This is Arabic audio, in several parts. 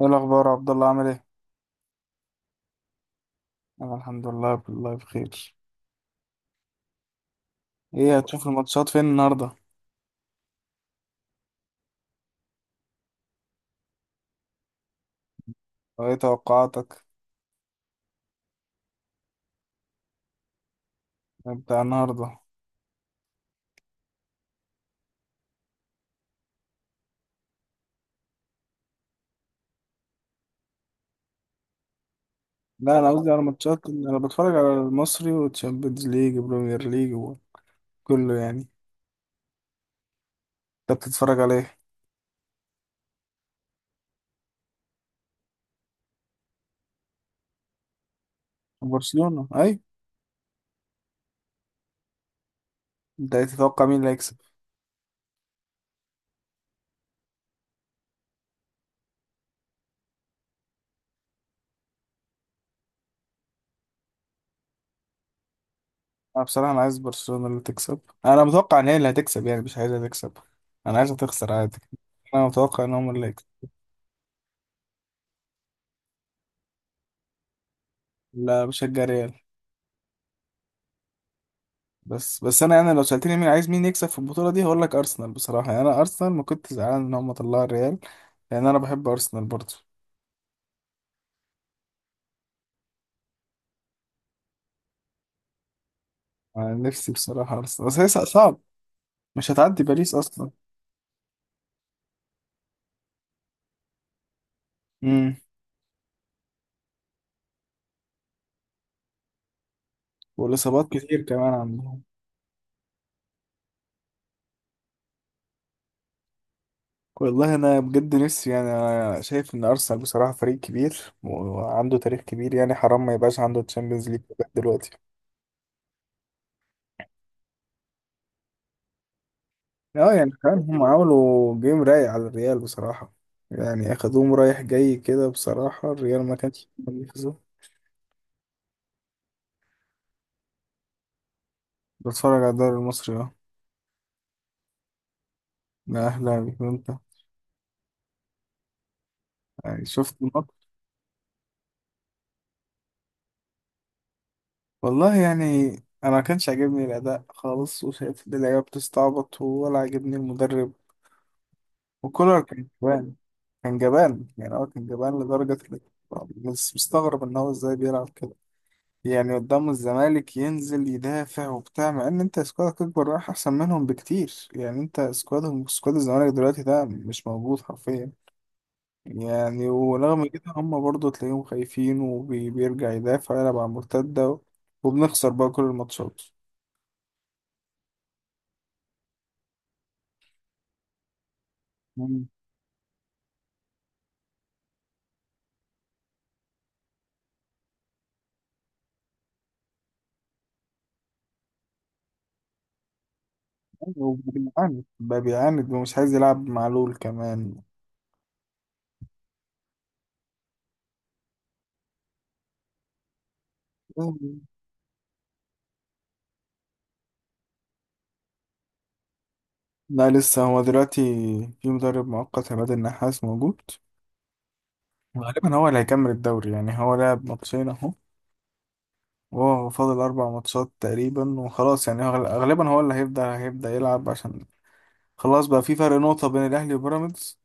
ايه الاخبار يا عبد الله؟ عامل ايه؟ انا الحمد لله، بالله بخير. ايه، هتشوف الماتشات فين النهارده؟ وايه توقعاتك؟ بتاع النهارده. لا، انا قصدي على ماتشات. انا بتفرج على المصري وتشامبيونز ليج وبريمير ليج وكله يعني. انت بتتفرج على ايه؟ برشلونه اي. انت تتوقع مين اللي هيكسب؟ انا بصراحه انا عايز برشلونه اللي تكسب. انا متوقع ان هي اللي هتكسب، يعني مش عايزها تكسب، انا عايزها تخسر عادي. انا متوقع ان هم اللي هيكسب. لا بشجع ريال. بس انا لو سالتني مين عايز، مين يكسب في البطوله دي، هقول لك ارسنال بصراحه. يعني انا ارسنال ما كنت زعلان ان هم طلعوا الريال، لان انا بحب ارسنال برضه. انا نفسي بصراحه ارسنال، بس هي صعب، مش هتعدي باريس اصلا. امم، والاصابات كتير كمان عندهم. والله انا بجد نفسي، يعني انا شايف ان ارسنال بصراحه فريق كبير وعنده تاريخ كبير، يعني حرام ما يبقاش عنده تشامبيونز ليج لغاية دلوقتي. اه يعني كمان هم عملوا جيم رايق على الريال بصراحه، يعني اخدوهم رايح جاي كده بصراحه، الريال ما كانش. بتفرج على الدوري المصري اه. ده اهلاوي، وانت؟ يعني شفت الماتش. والله يعني انا ما كانش عاجبني الاداء خالص، وشايف ان اللعيبه بتستعبط، ولا عاجبني المدرب، وكولر كان جبان. كان جبان، يعني هو كان جبان لدرجه إنك. بس مستغرب ان هو ازاي بيلعب كده، يعني قدام الزمالك ينزل يدافع وبتاع، مع ان انت سكوادك اكبر، رايح احسن منهم بكتير. يعني انت سكوادهم، سكواد الزمالك دلوقتي ده، مش موجود حرفيا. يعني ورغم كده هم برضو تلاقيهم خايفين وبيرجع يدافع، يلعب على المرتدة، وبنخسر بقى كل الماتشات. مم. أيوة، وبيعاند بقى، بيعاند ومش عايز يلعب مع لول كمان. مم. لا لسه. هو دلوقتي في مدرب مؤقت، عماد النحاس موجود. وغالبا هو اللي هيكمل الدوري. يعني هو لعب ماتشين اهو، وهو فاضل أربع ماتشات تقريبا وخلاص. يعني هو غالبا هو اللي هيبدأ يلعب، عشان خلاص بقى في فرق نقطة بين الأهلي وبيراميدز.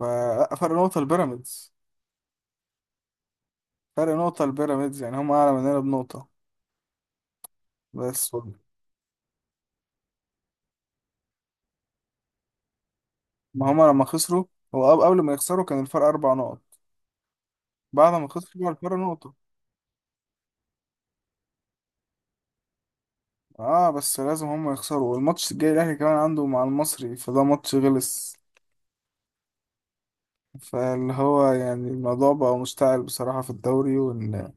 ففرق نقطة لبيراميدز. فرق نقطة لبيراميدز، يعني هم أعلى مننا بنقطة بس. ما هم لما خسروا. هو قبل ما يخسروا كان الفرق أربع نقط، بعد ما خسروا بقى الفرق نقطة. اه، بس لازم هم يخسروا. والماتش الجاي الأهلي كمان عنده مع المصري، فده ماتش غلس. فاللي هو يعني الموضوع بقى مشتعل بصراحة في الدوري. وإن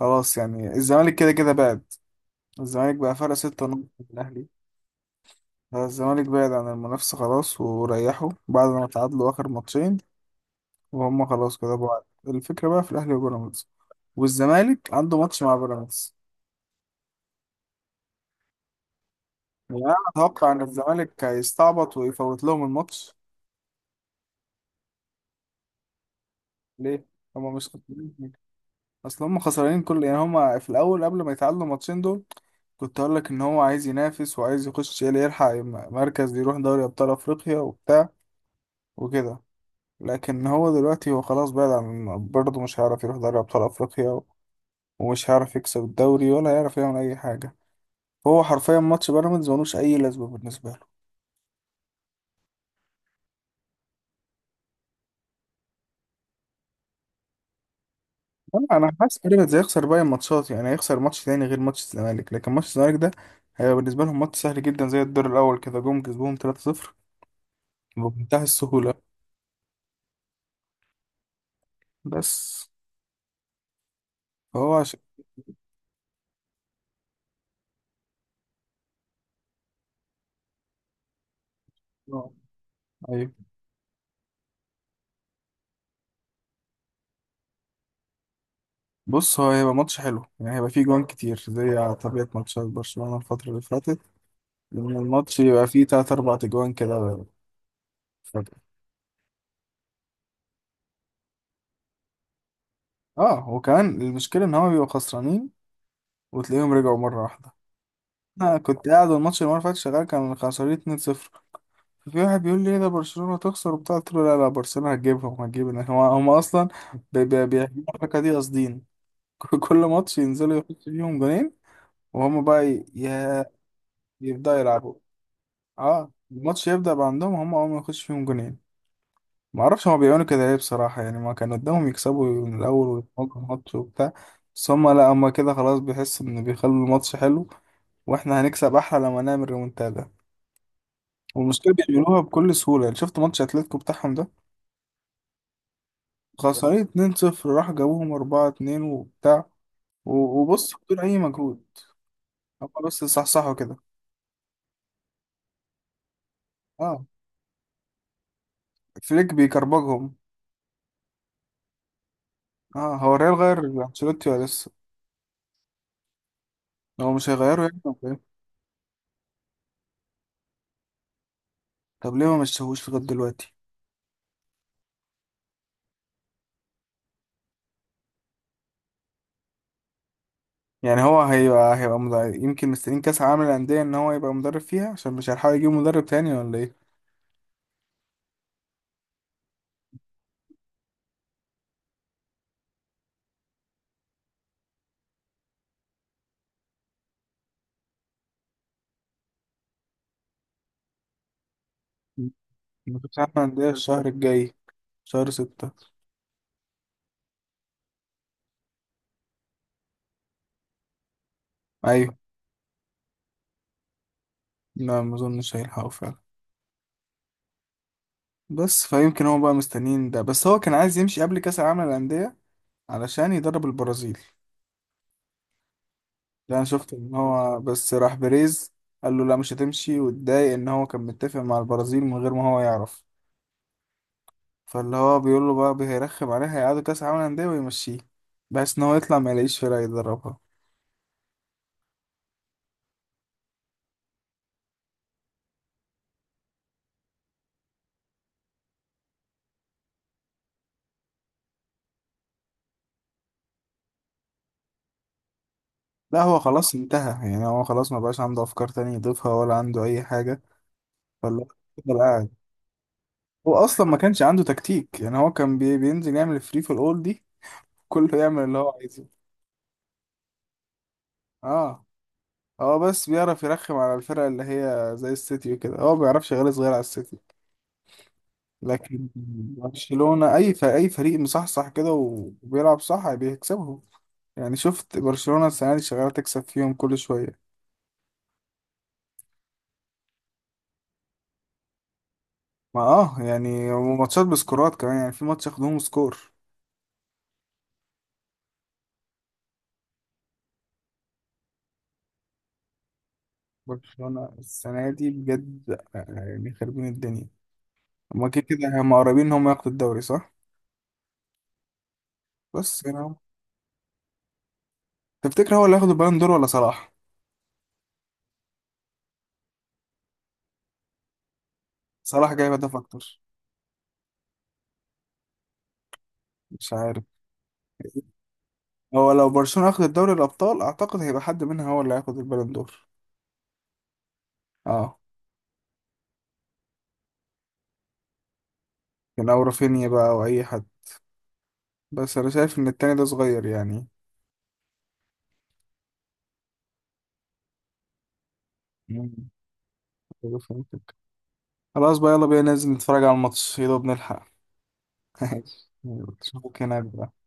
خلاص، يعني الزمالك كده كده بعد. الزمالك بقى فرق ستة نقط من الأهلي، فالزمالك بعد عن المنافسة خلاص، وريحوا بعد ما تعادلوا آخر ماتشين، وهم خلاص كده بعد. الفكرة بقى في الأهلي وبيراميدز. والزمالك عنده ماتش مع بيراميدز. وانا اتوقع ان الزمالك هيستعبط ويفوت لهم الماتش. ليه؟ هما مش خسرانين حاجة. اصل هما خسرانين كل، يعني هما في الاول قبل ما يتعادلوا الماتشين دول كنت اقول لك ان هو عايز ينافس وعايز يخش يلحق مركز يروح دوري ابطال افريقيا وبتاع وكده. لكن هو دلوقتي هو خلاص بعد، عن برضه مش هيعرف يروح دوري ابطال افريقيا، ومش هيعرف يكسب الدوري، ولا هيعرف يعمل اي حاجه. هو حرفيا ماتش بيراميدز ملوش اي لازمه بالنسبه له. لا، انا حاسس بيراميدز هيخسر باقي الماتشات، يعني هيخسر ماتش تاني غير ماتش الزمالك. لكن ماتش الزمالك ده هيبقى بالنسبه لهم ماتش سهل جدا، زي الدور الاول كده جم كسبوهم 3-0 بمنتهى السهوله. بس فهو عشان. آه، ايوه. بص هو هيبقى ماتش حلو، يعني هيبقى فيه جوان كتير، زي على طبيعه ماتشات برشلونه الفتره اللي فاتت، لان الماتش يبقى فيه تلات اربع اجوان كده فجأة. اه وكمان المشكله ان هما بيبقوا خسرانين، وتلاقيهم رجعوا مره واحده. انا كنت قاعد، والماتش اللي المره اللي فاتت شغال، كان خسرانين 2-0. في واحد بيقول لي ايه ده برشلونة تخسر وبتاع، قلت له لا لا، برشلونة هتجيب هم اصلا بيعملوا الحركة دي قاصدين. كل ماتش ينزلوا يحطوا فيهم جونين، وهم بقى ي- يا يبدأوا يلعبوا. اه الماتش يبدأ بقى عندهم هم اول ما يخش فيهم جونين. ما اعرفش هما بيعملوا كده ليه بصراحة، يعني ما كان قدامهم يكسبوا من الاول ويتفوقوا الماتش وبتاع. بس هما لا، هما كده خلاص بيحسوا ان بيخلوا الماتش حلو، واحنا هنكسب احلى لما نعمل ريمونتادا. والمشكلة بيعملوها بكل سهولة. يعني شفت ماتش اتلتيكو بتاعهم ده، خسرين 2-0 راح جابوهم 4-2 وبتاع، و- وبص بدون أي مجهود. هم بس صحصحوا كده. اه فليك بيكربجهم. اه، هو الريال غير أنشيلوتي ولا لسه؟ هو مش هيغيره يعني، ولا إيه؟ طب ليه ما مشيهوش لغاية دلوقتي؟ يعني هو هيبقى مدرب. يمكن مستنيين كأس عالم الأندية، إن هو يبقى مدرب فيها عشان مش هيلحقوا يجيبوا مدرب تاني، ولا إيه؟ ما كأس عالم الأندية الشهر الجاي، شهر ستة. أيوة. لا ما أظنش هيلحقوا فعلا. بس فيمكن هو بقى مستنيين ده. بس هو كان عايز يمشي قبل كأس العالم للأندية علشان يدرب البرازيل. لا انا شفت ان هو بس راح بيريز قال له لا، مش هتمشي، واتضايق ان هو كان متفق مع البرازيل من غير ما هو يعرف. فاللي هو بيقول له بقى هيرخم عليه، هيقعدوا كاس عالم انديه ويمشيه، بحيث ان هو يطلع ما يلاقيش فرقه يدربها. لا هو خلاص انتهى، يعني هو خلاص ما بقاش عنده افكار تانية يضيفها، ولا عنده اي حاجه. فاللي هو فضل قاعد. هو اصلا ما كانش عنده تكتيك، يعني هو كان بي- بينزل يعمل فري في الاول دي، كله يعمل اللي هو عايزه. اه هو بس بيعرف يرخم على الفرق اللي هي زي السيتي وكده. هو ما بيعرفش يغلس غير على السيتي. لكن برشلونة أي فريق، أي فريق مصحصح كده وبيلعب صح بيكسبهم. يعني شفت برشلونة السنة دي شغالة تكسب فيهم كل شوية. ما اه يعني، وماتشات بسكورات كمان، يعني في ماتش ياخدوهم سكور. برشلونة السنة دي بجد يعني خربين الدنيا. هما كده كده هما قريبين إن هما ياخدوا الدوري، صح؟ بس يعني هو. تفتكر هو اللي هياخد البالون دور ولا صلاح؟ صلاح جايب هدف أكتر. مش عارف. هو لو برشلونة أخدت دوري الأبطال، أعتقد هيبقى حد منها هو اللي هياخد البالون دور. اه كان، أو رافينيا بقى أو أي حد. بس أنا شايف إن التاني ده صغير يعني. مم. أيوة، فهمتك. خلاص بقى، يلا بينا ننزل نتفرج على الماتش، يا دوب نلحق. ماشي يلا، أشوفك هناك بقى.